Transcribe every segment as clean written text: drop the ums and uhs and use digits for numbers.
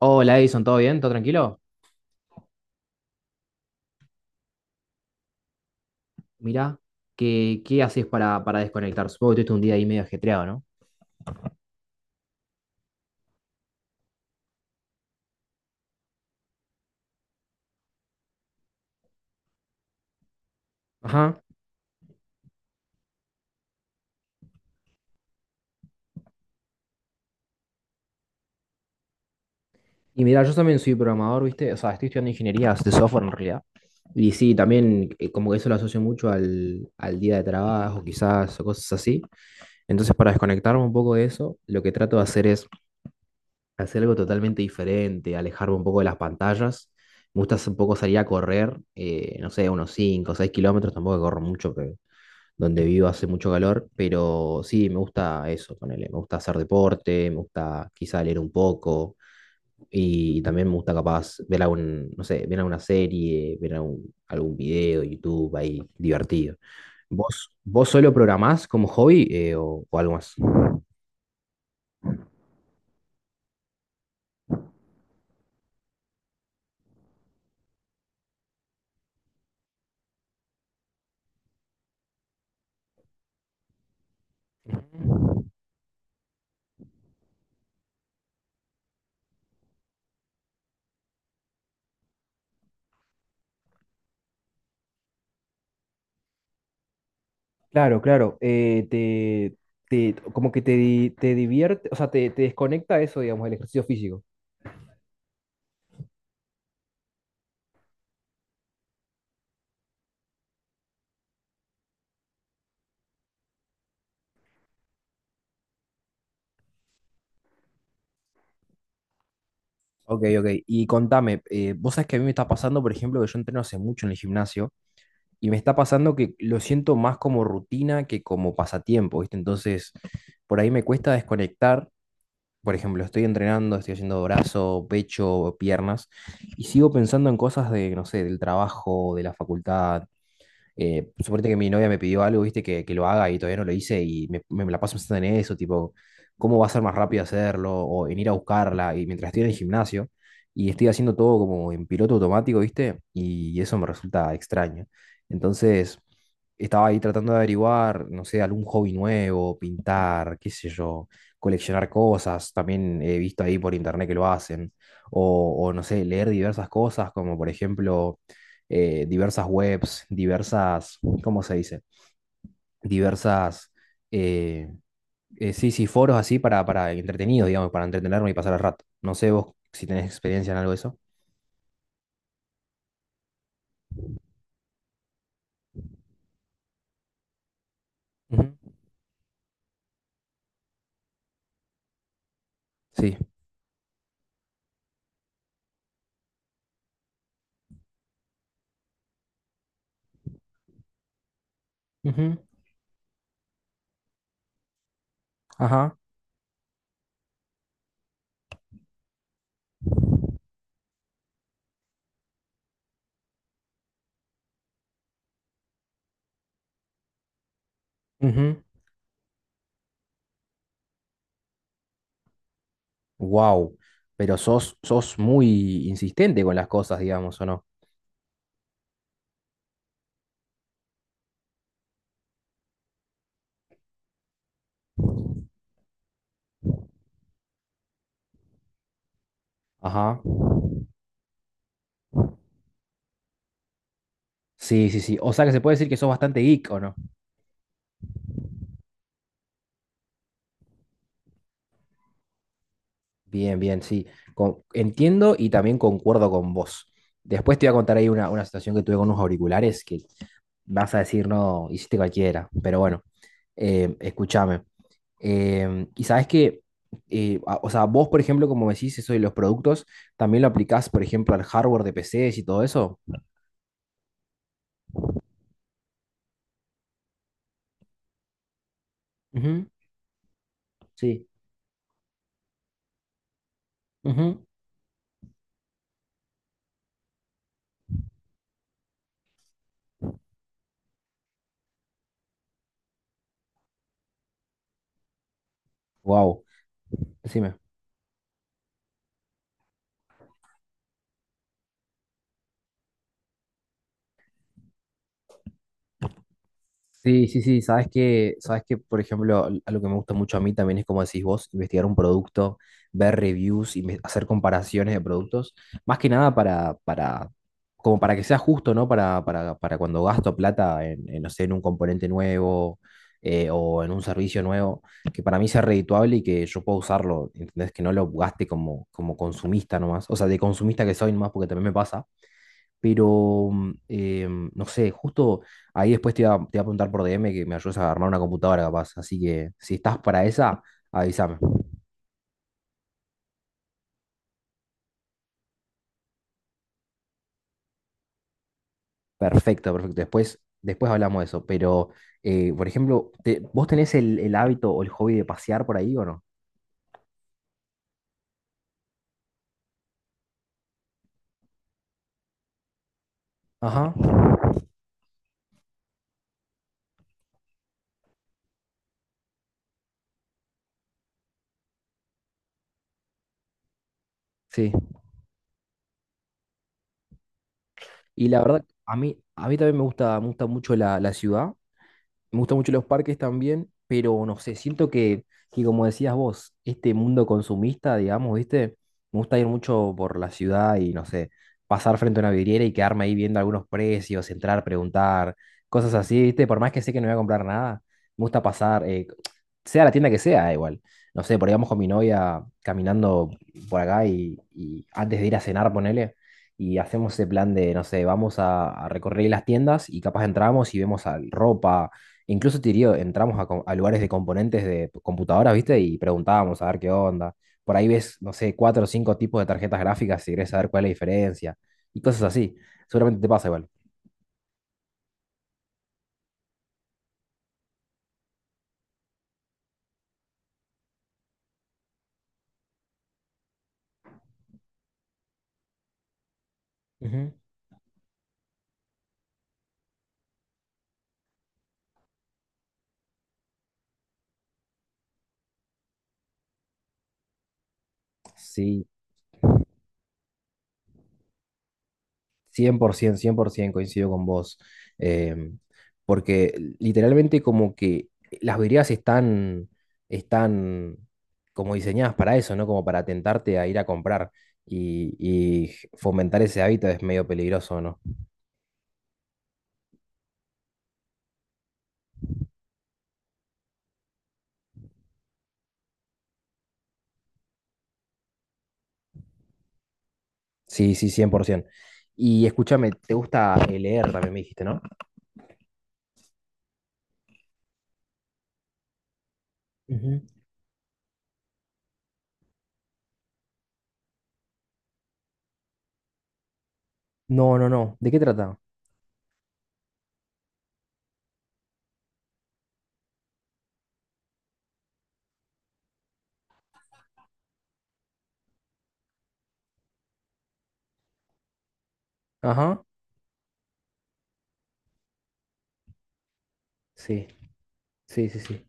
Hola Edison, ¿todo bien? ¿Todo tranquilo? Mirá, ¿qué haces para desconectar? Supongo que tuviste un día ahí medio ajetreado, ¿no? Ajá. Y mirá, yo también soy programador, ¿viste? O sea, estoy estudiando ingeniería de software en realidad. Y sí, también como que eso lo asocio mucho al día de trabajo, quizás, o cosas así. Entonces, para desconectarme un poco de eso, lo que trato de hacer es hacer algo totalmente diferente, alejarme un poco de las pantallas. Me gusta un poco salir a correr, no sé, unos 5 o 6 kilómetros, tampoco corro mucho, pero donde vivo hace mucho calor, pero sí, me gusta eso, ponele, me gusta hacer deporte, me gusta quizá leer un poco y también me gusta capaz ver algún, no sé, ver alguna serie, ver algún video, YouTube ahí divertido. ¿Vos solo programás como hobby o algo más? Claro, claro. Como que te, te divierte, o sea, te desconecta eso, digamos, el ejercicio físico. Ok, ok. Y contame, vos sabés que a mí me está pasando, por ejemplo, que yo entreno hace mucho en el gimnasio. Y me está pasando que lo siento más como rutina que como pasatiempo, ¿viste? Entonces, por ahí me cuesta desconectar. Por ejemplo, estoy entrenando, estoy haciendo brazo, pecho, piernas, y sigo pensando en cosas de, no sé, del trabajo, de la facultad, suponete que mi novia me pidió algo, viste, que lo haga y todavía no lo hice y me la paso pensando en eso, tipo, ¿cómo va a ser más rápido hacerlo? O en ir a buscarla. Y mientras estoy en el gimnasio y estoy haciendo todo como en piloto automático, viste, y eso me resulta extraño. Entonces, estaba ahí tratando de averiguar, no sé, algún hobby nuevo, pintar, qué sé yo, coleccionar cosas. También he visto ahí por internet que lo hacen. O no sé, leer diversas cosas, como por ejemplo diversas webs, diversas, ¿cómo se dice? Diversas, eh, sí, sí, foros así para entretenidos, digamos, para entretenerme y pasar el rato. No sé vos si tenés experiencia en algo de eso. Ujú. Sí. Ujú. Ajá. Wow. Pero sos muy insistente con las cosas, digamos, ¿o no? Ajá. Sí, sí, sí. O sea que se puede decir que sos bastante geek, ¿o no? Bien, bien, sí. Entiendo y también concuerdo con vos. Después te voy a contar ahí una situación que tuve con unos auriculares que vas a decir, no, hiciste cualquiera. Pero bueno, escúchame. Y sabes que, o sea, vos, por ejemplo, como me decís eso de los productos, también lo aplicás, por ejemplo, al hardware de PCs y todo eso. Ujú. Sí. Wow. Decime. Sí, sí, sí, sabes que, por ejemplo, algo que me gusta mucho a mí también es como decís vos, investigar un producto, ver reviews y hacer comparaciones de productos, más que nada como para que sea justo, ¿no? Para cuando gasto plata no sé, en un componente nuevo o en un servicio nuevo, que para mí sea redituable y que yo pueda usarlo, ¿entendés? Que no lo gaste como, como consumista nomás, o sea, de consumista que soy nomás, porque también me pasa pero, no sé, justo ahí después te iba a preguntar por DM que me ayudes a armar una computadora capaz. Así que si estás para esa, avísame. Perfecto, perfecto. Después hablamos de eso. Pero, por ejemplo, ¿vos tenés el hábito o el hobby de pasear por ahí o no? Ajá. Sí. Y la verdad, a mí también me gusta mucho la ciudad. Me gustan mucho los parques también, pero no sé, siento que como decías vos, este mundo consumista, digamos, ¿viste? Me gusta ir mucho por la ciudad y no sé, pasar frente a una vidriera y quedarme ahí viendo algunos precios, entrar, preguntar, cosas así, ¿viste? Por más que sé que no voy a comprar nada, me gusta pasar, sea la tienda que sea, igual. No sé, por ahí vamos con mi novia caminando por acá y antes de ir a cenar, ponele. Y hacemos ese plan de, no sé, vamos a recorrer las tiendas y capaz entramos y vemos ropa. Incluso, te diría, entramos a, a lugares de componentes de computadoras, ¿viste? Y preguntábamos a ver qué onda. Por ahí ves, no sé, cuatro o cinco tipos de tarjetas gráficas si querés saber cuál es la diferencia. Y cosas así. Seguramente te pasa igual. Ujú. Sí, cien por 100% coincido con vos. Em, Porque literalmente como que las vidrieras están como diseñadas para eso, ¿no? Como para tentarte a ir a comprar y fomentar ese hábito es medio peligroso, ¿no? Sí, sí, 100%. Y escúchame, ¿te gusta leer también me dijiste, ¿no? Ujú. No, no, no. ¿De qué trata? Ajá. Sí, sí, sí, sí.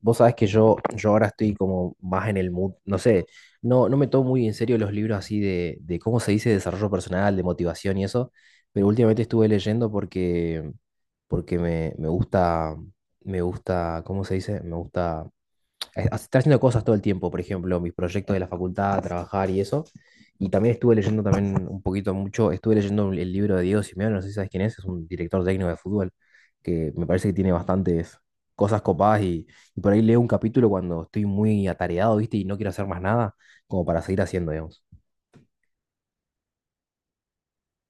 Vos sabés que yo ahora estoy como más en el mood, no sé, no, no me tomo muy en serio los libros así de cómo se dice desarrollo personal, de motivación y eso, pero últimamente estuve leyendo porque, porque me, me gusta, ¿cómo se dice? Me gusta estar haciendo cosas todo el tiempo, por ejemplo, mis proyectos de la facultad, trabajar y eso. Y también estuve leyendo también un poquito mucho, estuve leyendo el libro de Diego Simeone, no sé si sabes quién es un director técnico de fútbol, que me parece que tiene bastantes cosas copadas y por ahí leo un capítulo cuando estoy muy atareado, ¿viste? Y no quiero hacer más nada, como para seguir haciendo, digamos.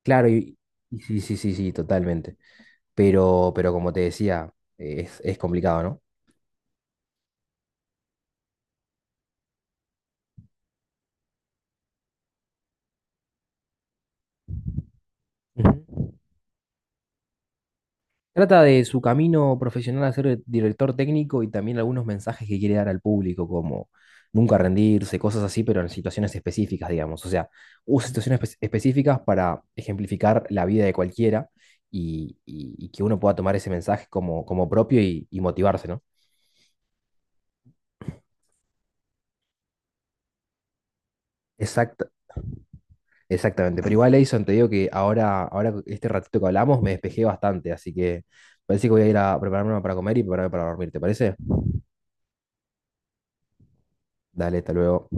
Claro, y sí, sí, sí, sí, totalmente. Pero como te decía, es complicado, ¿no? Ujú. Trata de su camino profesional a ser director técnico y también algunos mensajes que quiere dar al público, como nunca rendirse, cosas así, pero en situaciones específicas, digamos. O sea, usa situaciones específicas para ejemplificar la vida de cualquiera y que uno pueda tomar ese mensaje como, como propio y motivarse, ¿no? exacta Exactamente. Pero igual, Edison, te digo que ahora, ahora, este ratito que hablamos, me despejé bastante, así que parece que voy a ir a prepararme para comer y prepararme para dormir, ¿te parece? Dale, hasta luego.